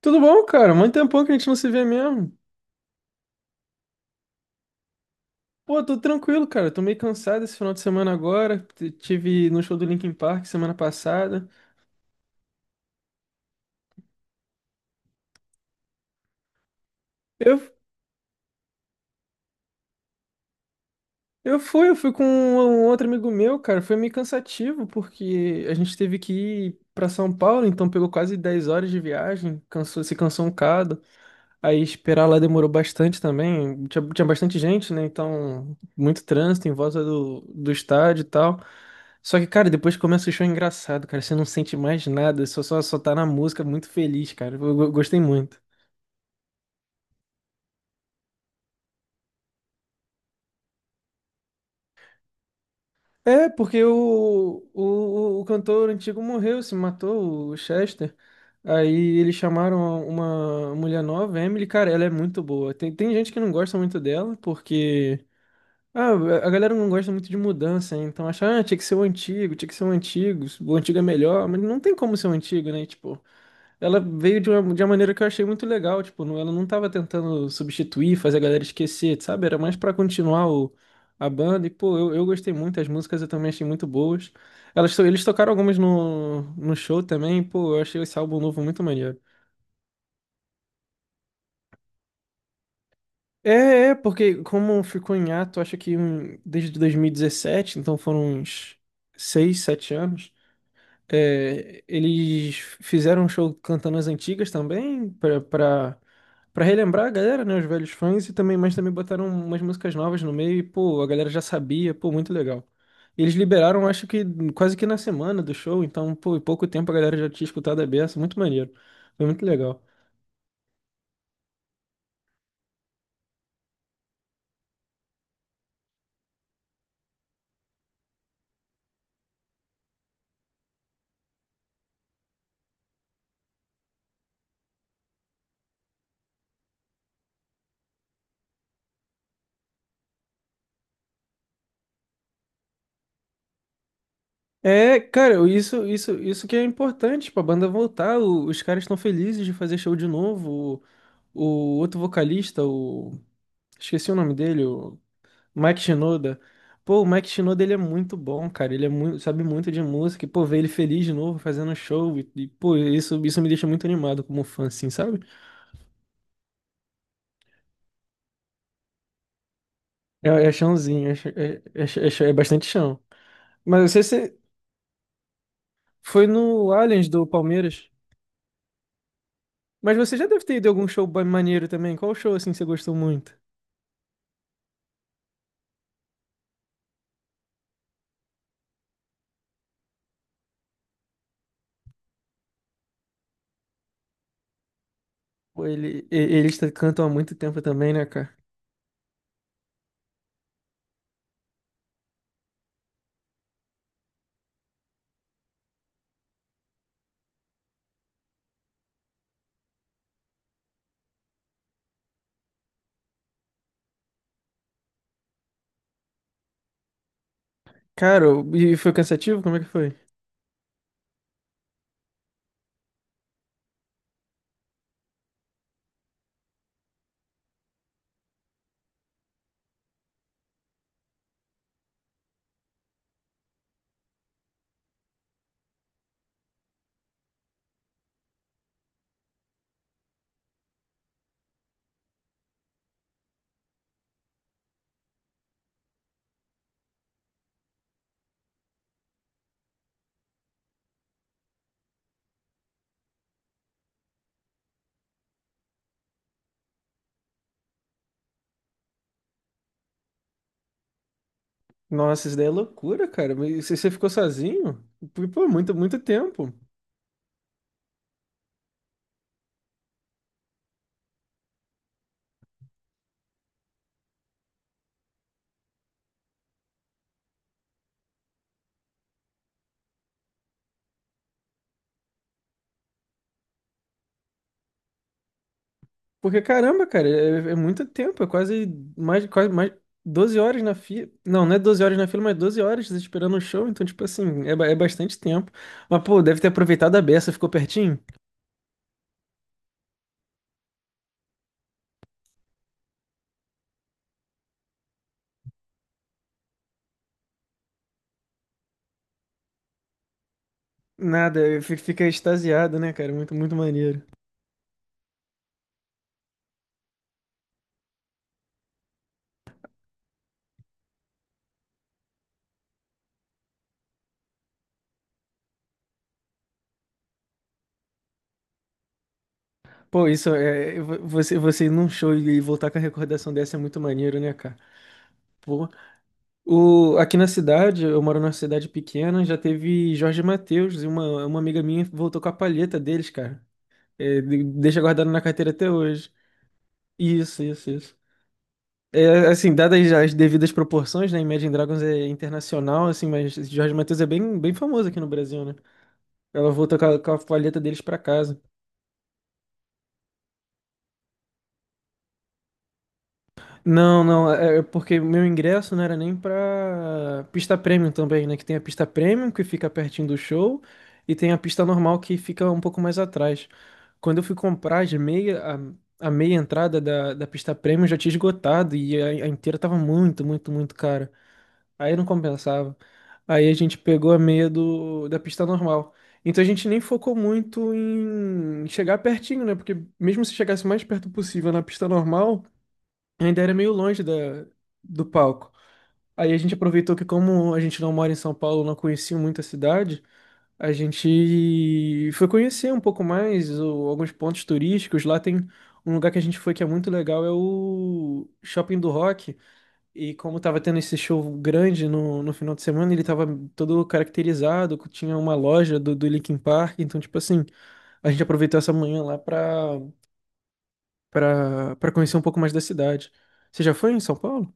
Tudo bom, cara? Muito tempão que a gente não se vê mesmo. Pô, tô tranquilo, cara. Tô meio cansado esse final de semana agora. Tive no show do Linkin Park semana passada. Eu, eu fui com um outro amigo meu, cara. Foi meio cansativo, porque a gente teve que ir pra São Paulo, então pegou quase 10 horas de viagem, se cansou um bocado. Aí esperar lá demorou bastante também. Tinha bastante gente, né? Então, muito trânsito em volta do estádio e tal. Só que, cara, depois que começa o show é engraçado, cara. Você não sente mais nada, só tá na música muito feliz, cara. Gostei muito. É, porque o cantor antigo morreu, se matou, o Chester. Aí eles chamaram uma mulher nova, Emily, cara, ela é muito boa. Tem gente que não gosta muito dela, porque ah, a galera não gosta muito de mudança, né? Então acha, ah, tinha que ser o antigo, tinha que ser o antigo é melhor, mas não tem como ser o antigo, né? Tipo, ela veio de uma maneira que eu achei muito legal, tipo, ela não tava tentando substituir, fazer a galera esquecer, sabe? Era mais pra continuar a banda, e pô, eu gostei muito, as músicas eu também achei muito boas. Eles tocaram algumas no show também, e, pô, eu achei esse álbum novo muito maneiro. É, é, porque como ficou em ato, acho que desde 2017, então foram uns 6, 7 anos, é, eles fizeram um show cantando as antigas também, pra relembrar a galera, né, os velhos fãs, e também, mas também botaram umas músicas novas no meio, e, pô, a galera já sabia, pô, muito legal. E eles liberaram, acho que quase que na semana do show, então, pô, em pouco tempo a galera já tinha escutado a beça, muito maneiro, foi muito legal. É, cara, isso que é importante pra banda voltar. Os caras estão felizes de fazer show de novo. O, o outro vocalista, o. Esqueci o nome dele, o Mike Shinoda. Pô, o Mike Shinoda ele é muito bom, cara. Ele é muito, sabe muito de música. E, pô, ver ele feliz de novo fazendo show. E, pô, isso me deixa muito animado como fã, assim, sabe? É, é chãozinho, é bastante chão. Mas você foi no Allianz do Palmeiras. Mas você já deve ter ido a algum show maneiro também. Qual show assim você gostou muito? Pô, eles cantam há muito tempo também, né, cara? Cara, e foi cansativo? Como é que foi? Nossa, isso daí é loucura, cara. Mas você ficou sozinho? Pô, muito, muito tempo. Porque, caramba, cara, é muito tempo. É quase mais 12 horas na fila. Não, não é 12 horas na fila, mas 12 horas esperando o show. Então, tipo assim, é bastante tempo. Mas, pô, deve ter aproveitado a beça. Ficou pertinho? Nada, fica extasiado, né, cara? Muito, muito maneiro. Pô, isso é. Você ir num show e voltar com a recordação dessa é muito maneiro, né, cara? Pô. Aqui na cidade, eu moro numa cidade pequena, já teve Jorge Mateus e uma amiga minha voltou com a palheta deles, cara. É, deixa guardado na carteira até hoje. Isso, isso, isso. É, assim, dadas as devidas proporções, né? Imagine Dragons é internacional, assim, mas Jorge Mateus é bem, bem famoso aqui no Brasil, né? Ela voltou com a palheta deles pra casa. Não, não, é porque meu ingresso não era nem pra pista premium também, né? Que tem a pista premium que fica pertinho do show e tem a pista normal que fica um pouco mais atrás. Quando eu fui comprar as meia, a meia entrada da pista premium já tinha esgotado e a inteira tava muito, muito, muito cara. Aí não compensava. Aí a gente pegou a meia da pista normal. Então a gente nem focou muito em chegar pertinho, né? Porque mesmo se chegasse o mais perto possível na pista normal ainda era meio longe do palco. Aí a gente aproveitou que, como a gente não mora em São Paulo, não conhecia muito a cidade, a gente foi conhecer um pouco mais alguns pontos turísticos. Lá tem um lugar que a gente foi que é muito legal, é o Shopping do Rock. E como tava tendo esse show grande no final de semana, ele tava todo caracterizado, tinha uma loja do Linkin Park, então, tipo assim, a gente aproveitou essa manhã lá pra conhecer um pouco mais da cidade. Você já foi em São Paulo?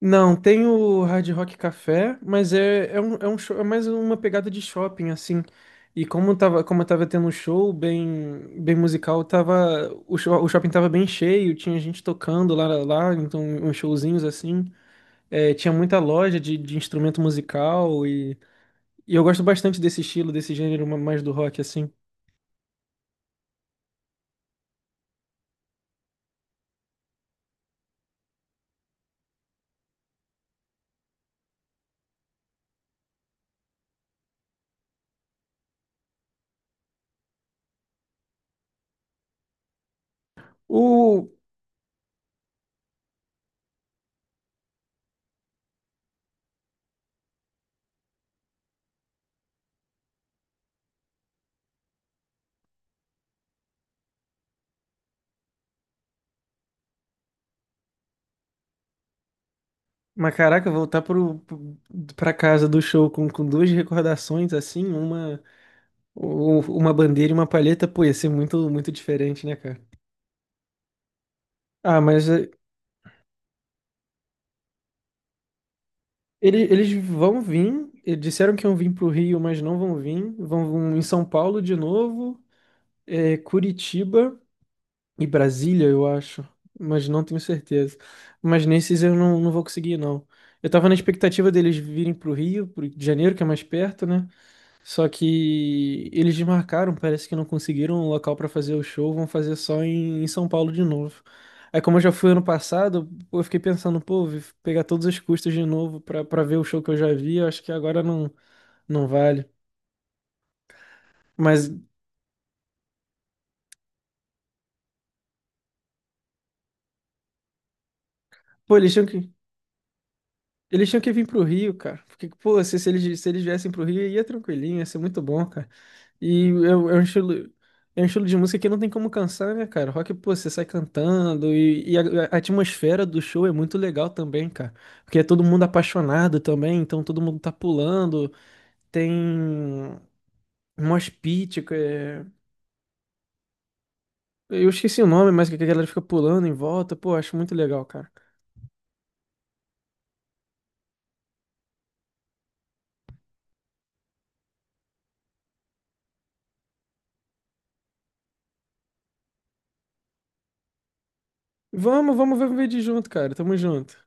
Não, tem o Hard Rock Café, mas é, um show, é mais uma pegada de shopping, assim. E como tava tendo um show bem, bem musical, o shopping tava bem cheio, tinha gente tocando lá, então uns showzinhos assim. É, tinha muita loja de instrumento musical e, eu gosto bastante desse estilo, desse gênero mais do rock, assim. O, mas caraca, voltar pra casa do show com duas recordações, assim, uma. Uma bandeira e uma palheta, pô, ia ser muito, muito diferente, né, cara? Ah, mas é, eles vão vir. Disseram que iam vir pro Rio, mas não vão vir. Vão em São Paulo de novo, Curitiba e Brasília, eu acho. Mas não tenho certeza. Mas nesses eu não vou conseguir, não. Eu tava na expectativa deles virem pro Rio de Janeiro, que é mais perto, né? Só que eles desmarcaram, parece que não conseguiram um local pra fazer o show, vão fazer só em São Paulo de novo. Aí, como eu já fui ano passado, pô, eu fiquei pensando, pô, vou pegar todos os custos de novo pra para ver o show que eu já vi, eu acho que agora não vale. Mas, pô, eles tinham que. Eles tinham que vir pro Rio, cara. Porque, pô, se eles viessem pro Rio, ia tranquilinho, ia ser muito bom, cara. E é, é é um estilo de música que não tem como cansar, né, cara? Rock, pô, você sai cantando e a atmosfera do show é muito legal também, cara. Porque é todo mundo apaixonado também, então todo mundo tá pulando. Tem um mosh pit, que é... Eu esqueci o nome, mas que a galera fica pulando em volta. Pô, acho muito legal, cara. Vamos ver, um de junto, cara. Tamo junto.